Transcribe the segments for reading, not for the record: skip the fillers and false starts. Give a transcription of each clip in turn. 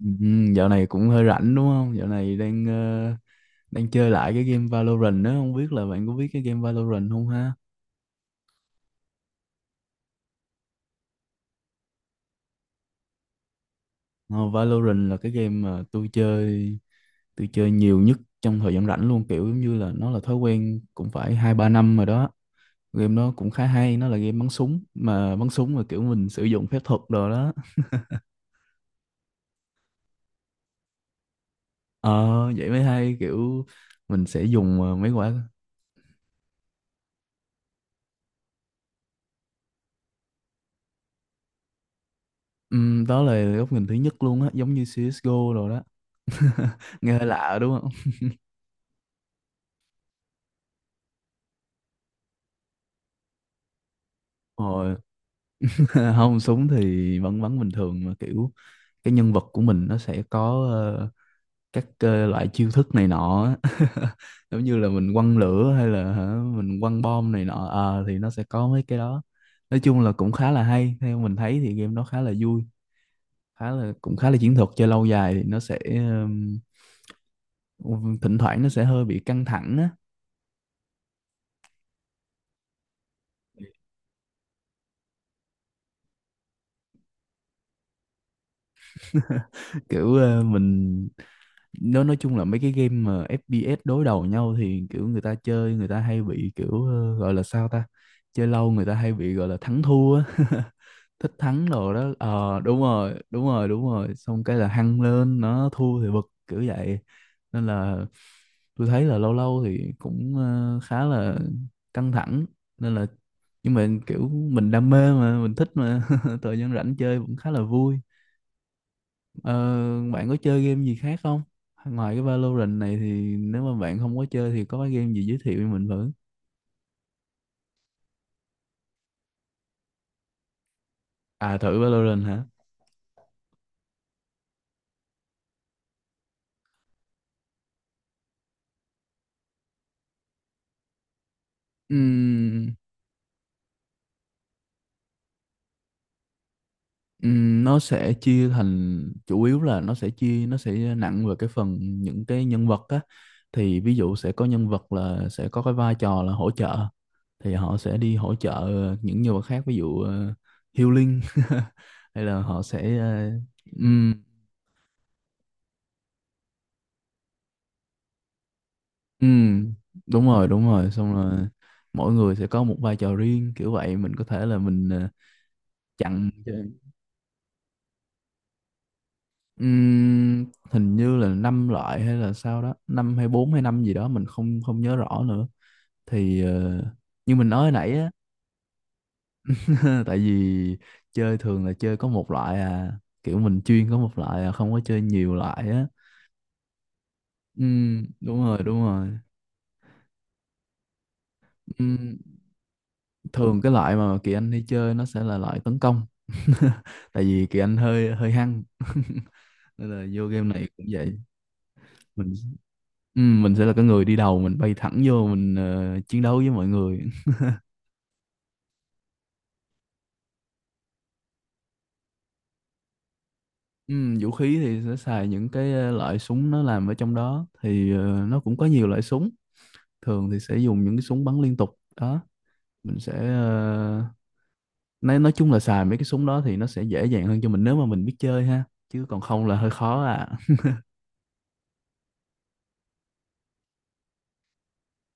Ừ, dạo này cũng hơi rảnh đúng không? Dạo này đang đang chơi lại cái game Valorant đó, không biết là bạn có biết cái game Valorant không ha? Ờ, Valorant là cái game mà tôi chơi nhiều nhất trong thời gian rảnh luôn, kiểu giống như là nó là thói quen cũng phải hai ba năm rồi đó. Game nó cũng khá hay, nó là game bắn súng mà kiểu mình sử dụng phép thuật đồ đó. Ờ vậy mới hay, kiểu mình sẽ dùng mấy quả. Đó là góc nhìn thứ nhất luôn á, giống như CS:GO rồi đó. Nghe hơi lạ đúng không? Rồi. Không súng thì vẫn bắn bình thường, mà kiểu cái nhân vật của mình nó sẽ có các loại chiêu thức này nọ á. Giống như là mình quăng lửa hay là hả, mình quăng bom này nọ. Ờ, thì nó sẽ có mấy cái đó, nói chung là cũng khá là hay. Theo mình thấy thì game nó khá là vui, khá là cũng khá là chiến thuật. Chơi lâu dài thì nó sẽ thỉnh thoảng nó sẽ hơi bị căng thẳng á. Kiểu mình, nó nói chung là mấy cái game mà FPS đối đầu nhau thì kiểu người ta chơi người ta hay bị kiểu gọi là sao ta, chơi lâu người ta hay bị gọi là thắng thua á. Thích thắng đồ đó. Ờ đúng rồi, đúng rồi, đúng rồi, xong cái là hăng lên, nó thua thì bực kiểu vậy. Nên là tôi thấy là lâu lâu thì cũng khá là căng thẳng. Nên là nhưng mà kiểu mình đam mê mà, mình thích mà. Thời gian rảnh chơi cũng khá là vui. Ờ, bạn có chơi game gì khác không? Ngoài cái Valorant này thì nếu mà bạn không có chơi thì có cái game gì giới thiệu cho mình thử? À thử Valorant hả? Ừm, nó sẽ chia thành chủ yếu là nó sẽ chia, nó sẽ nặng về cái phần những cái nhân vật á. Thì ví dụ sẽ có nhân vật là sẽ có cái vai trò là hỗ trợ, thì họ sẽ đi hỗ trợ những nhân vật khác, ví dụ healing. Hay là họ sẽ uh, ừ, đúng rồi, đúng rồi. Xong rồi mỗi người sẽ có một vai trò riêng kiểu vậy. Mình có thể là mình chặn cho- Ừm, hình như là năm loại hay là sao đó, năm hay bốn hay năm gì đó mình không không nhớ rõ nữa. Thì như mình nói hồi nãy á, tại vì chơi thường là chơi có một loại à, kiểu mình chuyên có một loại à, không có chơi nhiều loại á. Ừ, đúng rồi, đúng rồi. Ừ, thường cái loại mà Kỳ Anh hay chơi nó sẽ là loại tấn công. Tại vì Kỳ Anh hơi hơi hăng. Nên là vô game này cũng vậy. Mình, ừ, mình sẽ là cái người đi đầu, mình bay thẳng vô mình chiến đấu với mọi người. Ừ, vũ khí thì sẽ xài những cái loại súng nó làm ở trong đó, thì nó cũng có nhiều loại súng. Thường thì sẽ dùng những cái súng bắn liên tục đó, mình sẽ nói chung là xài mấy cái súng đó thì nó sẽ dễ dàng hơn cho mình nếu mà mình biết chơi ha, chứ còn không là hơi khó à.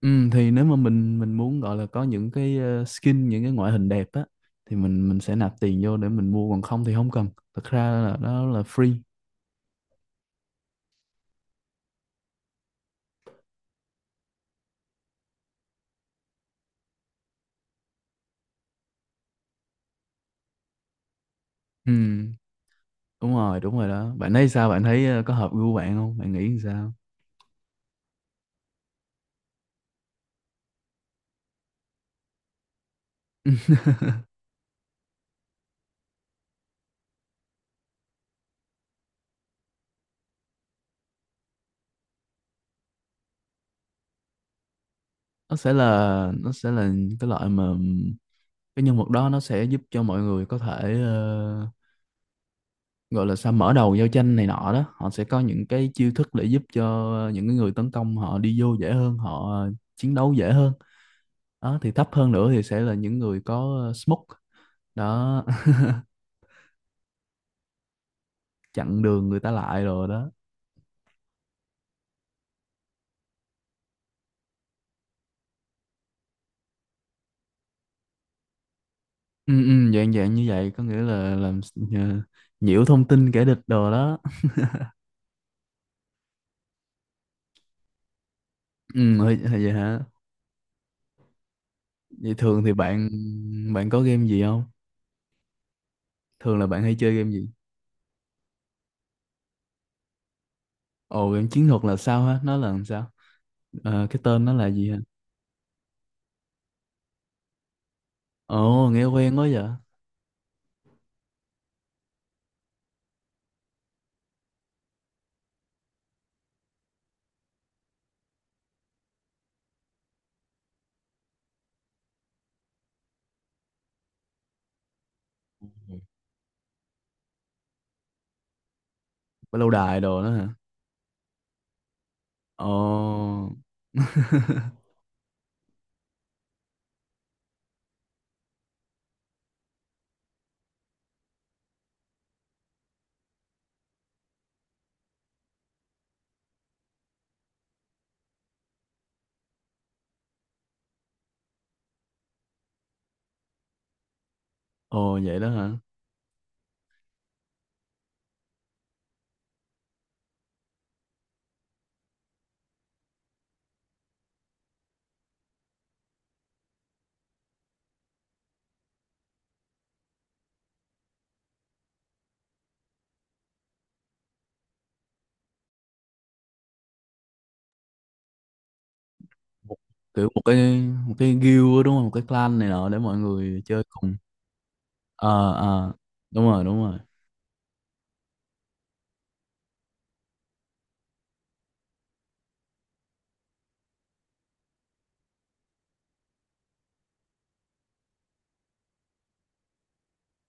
Ừ, thì nếu mà mình muốn gọi là có những cái skin, những cái ngoại hình đẹp á, thì mình sẽ nạp tiền vô để mình mua, còn không thì không cần, thật ra là đó là free. Ừ, đúng rồi, đúng rồi đó. Bạn thấy sao, bạn thấy có hợp gu bạn không, bạn nghĩ sao? Nó sẽ là cái loại mà cái nhân vật đó nó sẽ giúp cho mọi người có thể gọi là sao, mở đầu giao tranh này nọ đó, họ sẽ có những cái chiêu thức để giúp cho những cái người tấn công họ đi vô dễ hơn, họ chiến đấu dễ hơn đó. Thì thấp hơn nữa thì sẽ là những người có smoke đó, chặn đường người ta lại rồi đó. Ừ, dạng dạng như vậy, có nghĩa là làm ờ, nhiễu thông tin kẻ địch đồ đó. Ừ, hơi vậy hả, vậy thường thì bạn bạn có game gì không, thường là bạn hay chơi game gì? Ồ game chiến thuật là sao hả, nó là làm sao? Ờ, cái tên nó là gì hả? Ồ nghe quen quá vậy. Lâu đài đồ đó hả? Ồ. Ồ vậy đó hả? một- kiểu một cái, một cái guild á, đúng không, một cái clan này nọ để mọi người chơi cùng. Ờ đúng rồi, đúng rồi.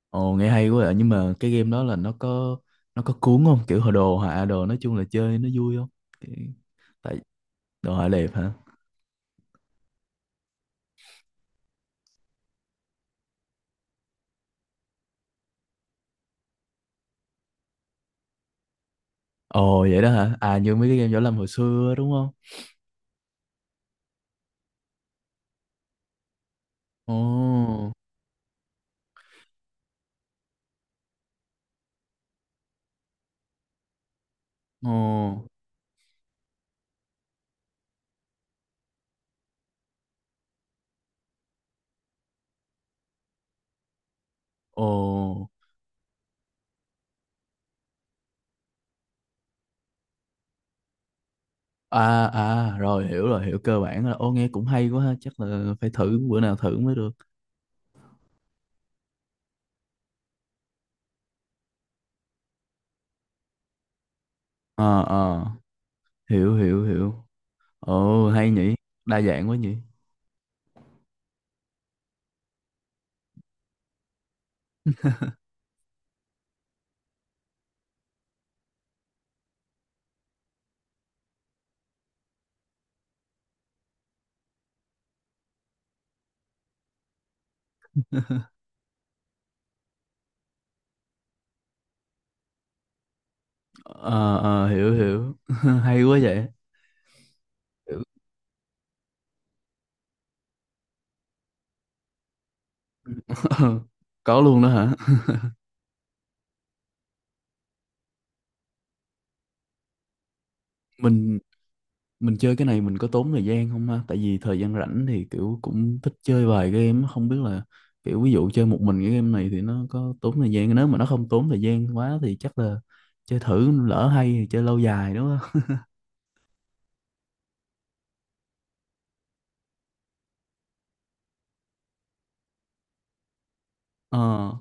Ồ nghe hay quá vậy, nhưng mà cái game đó là nó có cuốn không, kiểu hồi đồ họa đồ, nói chung là chơi nó vui không? Kiểu- Tại đồ họa đẹp hả? Ồ vậy đó hả, à như mấy cái game võ lâm hồi xưa á, đúng không? Ồ ồ ồ à à, rồi hiểu, rồi hiểu, cơ bản là. Ô nghe cũng hay quá ha, chắc là phải thử, bữa nào thử mới được. Ờ hiểu hiểu hiểu. Ồ, hay nhỉ. Đa dạng quá nhỉ. Ờ, ờ, hiểu, hiểu. Hay quá vậy. Hiểu. Có luôn đó hả? Mình mình chơi cái này mình có tốn thời gian không ha? Tại vì thời gian rảnh thì kiểu cũng thích chơi vài game. Không biết là kiểu ví dụ chơi một mình cái game này thì nó có tốn thời gian. Nếu mà nó không tốn thời gian quá thì chắc là chơi thử, lỡ hay thì chơi lâu dài đúng không? Ờ.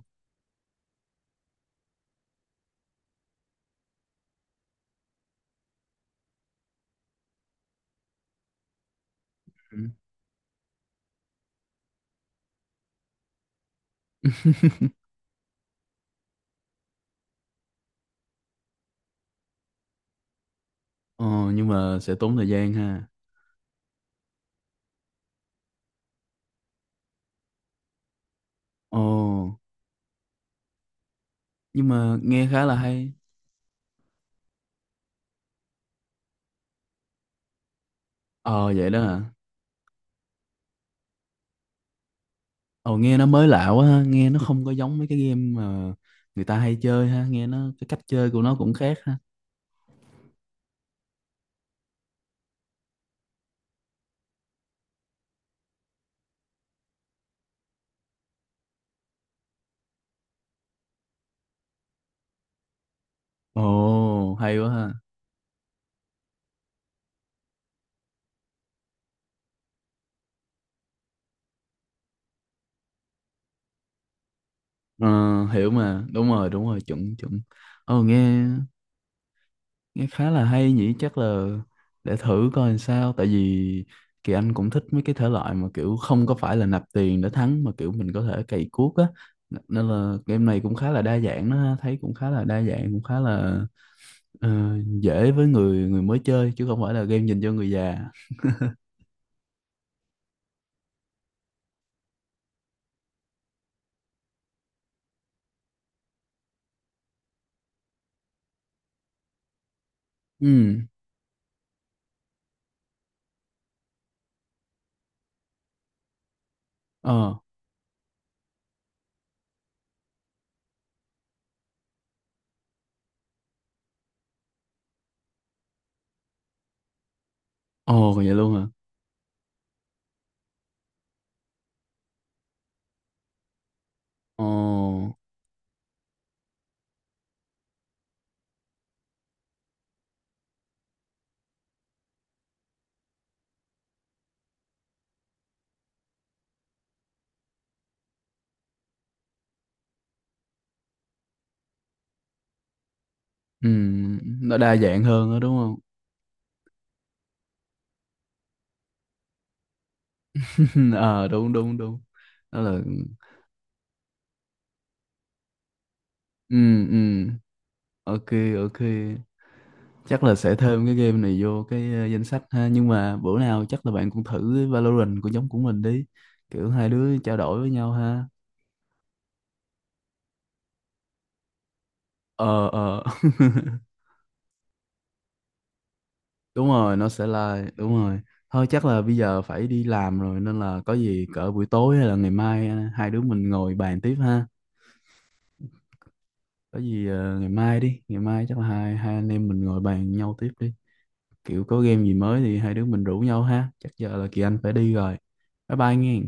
Ừ. Ờ, nhưng mà sẽ tốn thời gian ha. Ồ, nhưng mà nghe khá là hay. Ờ, vậy đó hả? Ồ nghe nó mới lạ quá ha, nghe nó không có giống mấy cái game mà người ta hay chơi ha, nghe nó cái cách chơi của nó cũng khác ha. Ồ hay quá ha. Ờ, hiểu mà, đúng rồi, chuẩn chuẩn. Ồ nghe nghe khá là hay nhỉ, chắc là để thử coi làm sao, tại vì Kỳ Anh cũng thích mấy cái thể loại mà kiểu không có phải là nạp tiền để thắng mà kiểu mình có thể cày cuốc á. Nên là game này cũng khá là đa dạng đó ha, thấy cũng khá là đa dạng, cũng khá là ờ, dễ với người người mới chơi chứ không phải là game dành cho người già. Ừ, ờ, ồ vậy luôn hả? Ồ, ừ, nó đa dạng hơn đó đúng không? ờ đúng, đúng, đúng. Đó là ừ ừ, ok ok. Chắc là sẽ thêm cái game này vô cái danh sách ha, nhưng mà bữa nào chắc là bạn cũng thử cái Valorant của nhóm của mình đi. Kiểu hai đứa trao đổi với nhau ha. Ờ ờ. Đúng rồi, nó sẽ live, đúng rồi. Thôi chắc là bây giờ phải đi làm rồi, nên là có gì cỡ buổi tối hay là ngày mai hai đứa mình ngồi bàn tiếp ha. Có gì ngày mai đi, ngày mai chắc là hai hai anh em mình ngồi bàn nhau tiếp đi, kiểu có game gì mới thì hai đứa mình rủ nhau ha. Chắc giờ là Kỳ Anh phải đi rồi, bye bye nghe.